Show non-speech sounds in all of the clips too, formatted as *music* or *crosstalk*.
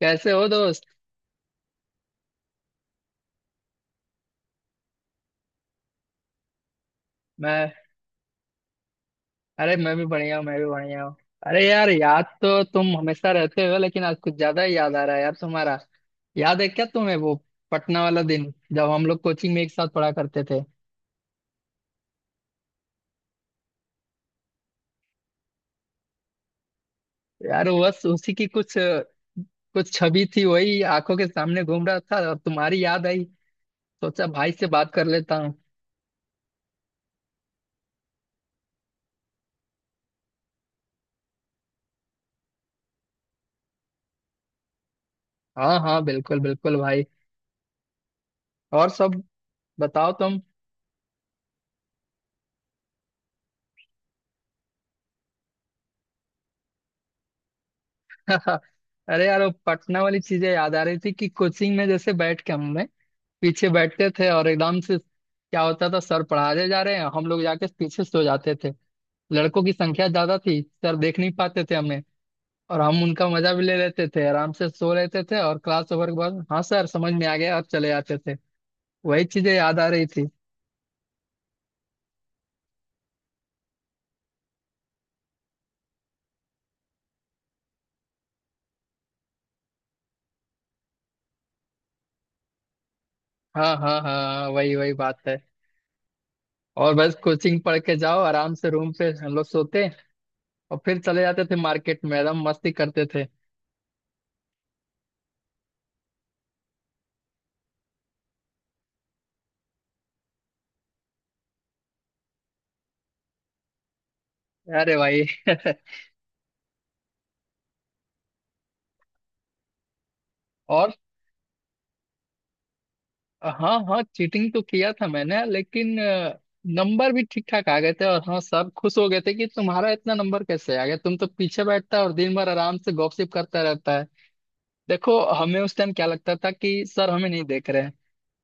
कैसे हो दोस्त? मैं अरे, मैं भी बढ़िया हूँ। मैं भी बढ़िया हूँ। अरे यार, याद तो तुम हमेशा रहते हो, लेकिन आज कुछ ज्यादा ही याद आ रहा है यार तुम्हारा। याद है क्या तुम्हें वो पटना वाला दिन, जब हम लोग कोचिंग में एक साथ पढ़ा करते थे? यार बस उसी की कुछ कुछ छवि थी, वही आंखों के सामने घूम रहा था और तुम्हारी याद आई। सोचा भाई से बात कर लेता हूँ। हाँ हाँ, बिल्कुल बिल्कुल भाई। और सब बताओ तुम। *laughs* अरे यार, वो पटना वाली चीजें याद आ रही थी कि कोचिंग में जैसे बैठ के हमने पीछे बैठते थे और एकदम से क्या होता था, सर पढ़ाने जा रहे हैं, हम लोग जाके पीछे सो जाते थे। लड़कों की संख्या ज्यादा थी, सर देख नहीं पाते थे हमें। और हम उनका मजा भी ले लेते थे, आराम से सो लेते थे और क्लास ओवर के बाद हाँ सर, समझ में आ गया, और चले जाते थे। वही चीजें याद आ रही थी। हाँ हाँ हाँ। हाँ, वही वही बात है। और बस कोचिंग पढ़ के जाओ, आराम से रूम पे हम लोग सोते और फिर चले जाते थे मार्केट में, एकदम मस्ती करते थे। अरे भाई। *laughs* और हाँ हाँ, चीटिंग तो किया था मैंने, लेकिन नंबर भी ठीक ठाक आ गए थे। और हाँ, सब खुश हो गए थे कि तुम्हारा इतना नंबर कैसे आ गया, तुम तो पीछे बैठता है और दिन भर आराम से गॉसिप करता रहता है। देखो, हमें उस टाइम क्या लगता था कि सर हमें नहीं देख रहे हैं।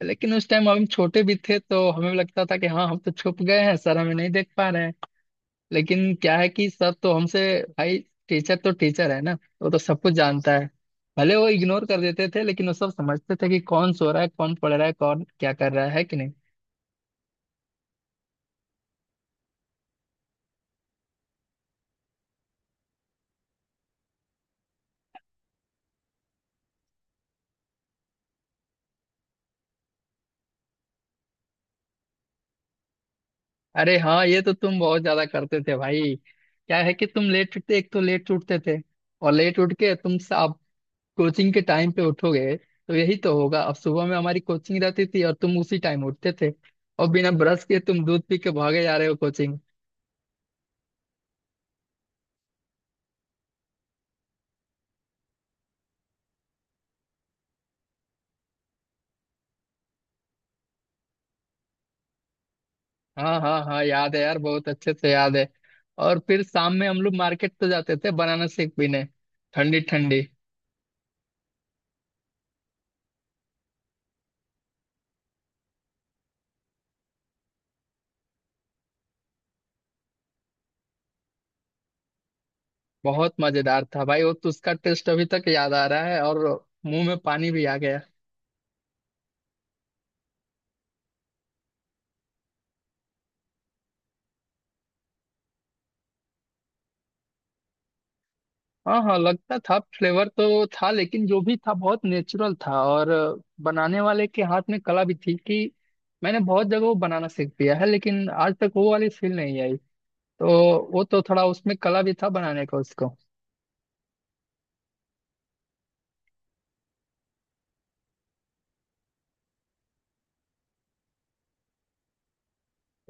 लेकिन उस टाइम हम छोटे भी थे, तो हमें लगता था कि हाँ, हम तो छुप गए हैं, सर हमें नहीं देख पा रहे हैं। लेकिन क्या है कि सब तो हमसे, भाई टीचर तो टीचर है ना। वो तो सब कुछ जानता है। भले वो इग्नोर कर देते थे, लेकिन वो सब समझते थे कि कौन सो रहा है, कौन पढ़ रहा है, कौन क्या कर रहा है कि नहीं। अरे हाँ, ये तो तुम बहुत ज्यादा करते थे भाई। क्या है कि तुम लेट उठते, एक तो लेट उठते थे, और लेट उठ के तुम अब कोचिंग के टाइम पे उठोगे तो यही तो होगा। अब सुबह में हमारी कोचिंग रहती थी और तुम उसी टाइम उठते थे, और बिना ब्रश के तुम दूध पी के भागे जा रहे हो कोचिंग। हाँ हाँ हाँ, याद है यार, बहुत अच्छे से याद है। और फिर शाम में हम लोग मार्केट तो जाते थे बनाना शेक पीने, ठंडी ठंडी। बहुत मजेदार था भाई वो तो, उसका टेस्ट अभी तक याद आ रहा है और मुंह में पानी भी आ गया। हाँ हाँ, लगता था फ्लेवर तो था, लेकिन जो भी था बहुत नेचुरल था, और बनाने वाले के हाथ में कला भी थी कि मैंने बहुत जगह वो बनाना सीख पिया है, लेकिन आज तक वो वाली फील नहीं आई। तो वो तो थोड़ा उसमें कला भी था बनाने का उसको।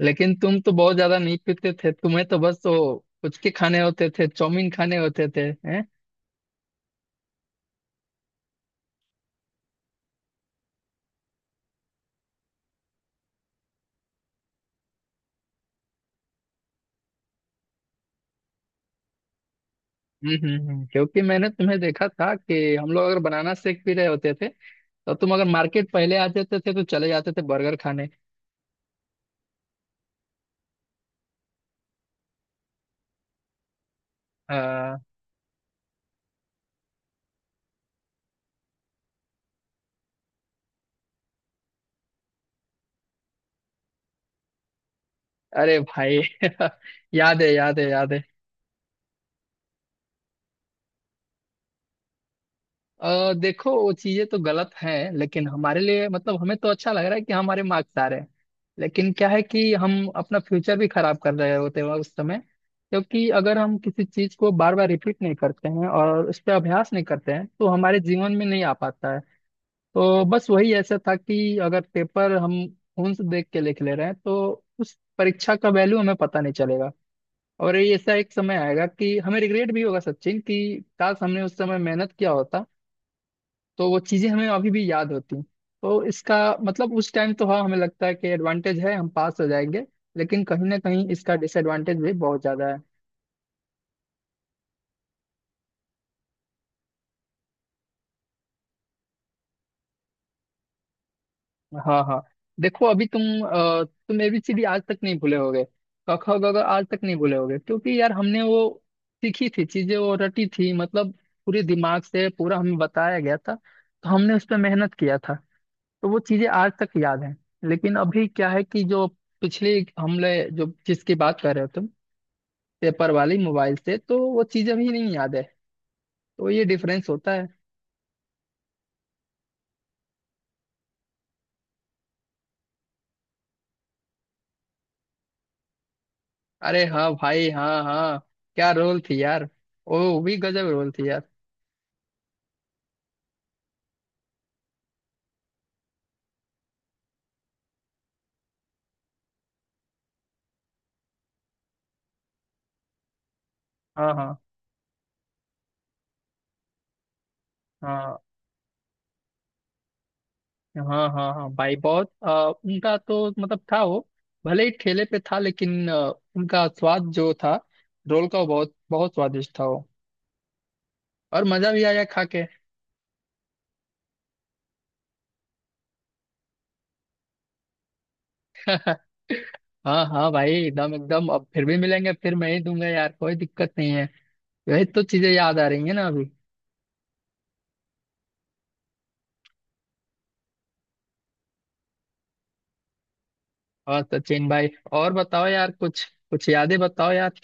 लेकिन तुम तो बहुत ज्यादा नहीं पीते थे, तुम्हें तो बस वो पुचके खाने होते थे, चाउमीन खाने होते थे। हैं। क्योंकि मैंने तुम्हें देखा था कि हम लोग अगर बनाना शेक पी रहे होते थे, तो तुम अगर मार्केट पहले आ जाते थे तो चले जाते थे बर्गर खाने। आ, अरे भाई। *laughs* याद है, याद है, याद है। देखो, वो चीजें तो गलत हैं, लेकिन हमारे लिए मतलब हमें तो अच्छा लग रहा है कि हमारे मार्क्स आ रहे हैं। लेकिन क्या है कि हम अपना फ्यूचर भी खराब कर रहे होते हैं उस समय, क्योंकि अगर हम किसी चीज को बार बार रिपीट नहीं करते हैं और उस पर अभ्यास नहीं करते हैं तो हमारे जीवन में नहीं आ पाता है। तो बस वही ऐसा था कि अगर पेपर हम फोन से देख के लिख ले रहे हैं, तो उस परीक्षा का वैल्यू हमें पता नहीं चलेगा, और ये ऐसा एक समय आएगा कि हमें रिग्रेट भी होगा, सचिन, कि काश हमने उस समय मेहनत किया होता, तो वो चीजें हमें अभी भी याद होती हैं। तो इसका मतलब उस टाइम तो हाँ, हमें लगता है कि एडवांटेज है, हम पास हो जाएंगे, लेकिन कहीं ना कहीं इसका डिसएडवांटेज भी बहुत ज्यादा है। हाँ हाँ। देखो, अभी तुम एबीसीडी आज तक नहीं भूले होगे, क ख ग घ आज तक नहीं भूले होगे, क्योंकि यार हमने वो सीखी थी चीजें, वो रटी थी, मतलब पूरे दिमाग से पूरा हमें बताया गया था, तो हमने उस पर मेहनत किया था, तो वो चीजें आज तक याद हैं। लेकिन अभी क्या है कि जो पिछले हमले, जो जिसकी बात कर रहे हो तुम, पेपर वाली मोबाइल से, तो वो चीजें भी नहीं याद है। तो ये डिफरेंस होता है। अरे हाँ भाई, हाँ हाँ। क्या रोल थी यार। ओ भी गजब रोल थी यार। हाँ हाँ हाँ। हाँ हाँ हाँ भाई, बहुत उनका तो मतलब था वो, भले ही ठेले पे था, लेकिन उनका स्वाद जो था रोल का, वो बहुत बहुत स्वादिष्ट था वो, और मजा भी आया खा के। *laughs* हाँ हाँ भाई, एकदम एकदम। अब फिर भी मिलेंगे, फिर मैं ही दूंगा यार, कोई दिक्कत नहीं है। यही तो चीजें याद आ रही है ना अभी। और सचिन भाई, और बताओ यार कुछ, कुछ यादें बताओ यार।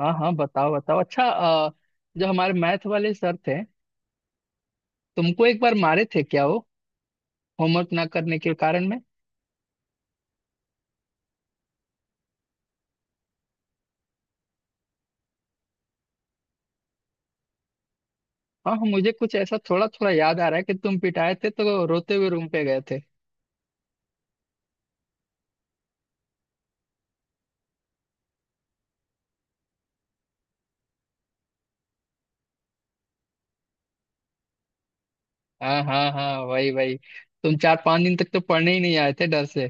हाँ हाँ, बताओ बताओ। अच्छा, जो हमारे मैथ वाले सर थे, तुमको एक बार मारे थे क्या वो, होमवर्क ना करने के कारण में? हाँ हाँ, मुझे कुछ ऐसा थोड़ा थोड़ा याद आ रहा है कि तुम पिटाए थे तो रोते हुए रूम पे गए थे। हाँ हाँ हाँ, वही वही। तुम 4-5 दिन तक तो पढ़ने ही नहीं आए थे डर से।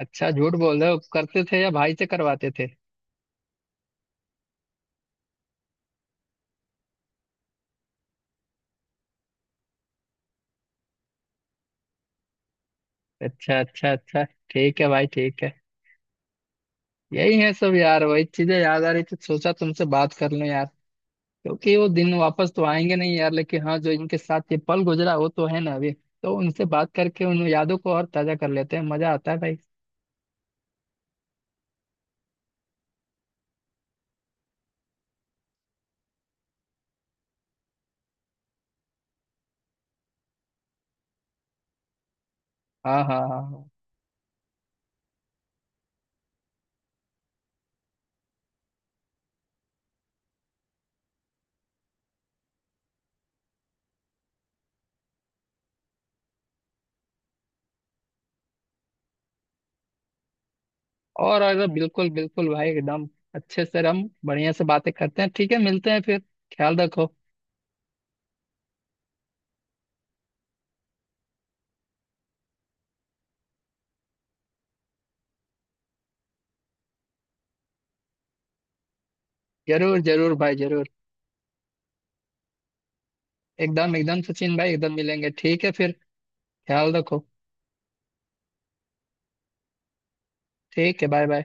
अच्छा, झूठ बोल रहे हो, करते थे या भाई से करवाते थे? अच्छा अच्छा अच्छा। ठीक है भाई, ठीक है। यही है सब यार, वही चीजें याद आ रही थी, सोचा तुमसे बात कर लूं यार। क्योंकि वो दिन वापस तो आएंगे नहीं यार, लेकिन हाँ, जो इनके साथ ये पल गुजरा वो तो है ना अभी। तो उनसे बात करके उन यादों को और ताजा कर लेते हैं, मजा आता है भाई। हाँ हाँ हाँ हाँ। और अगर बिल्कुल बिल्कुल भाई, एकदम अच्छे से, हम बढ़िया से बातें करते हैं। ठीक है, मिलते हैं फिर। ख्याल रखो। जरूर जरूर भाई, जरूर। एकदम एकदम सचिन भाई, एकदम मिलेंगे, ठीक है फिर। ख्याल रखो। ठीक है, बाय बाय।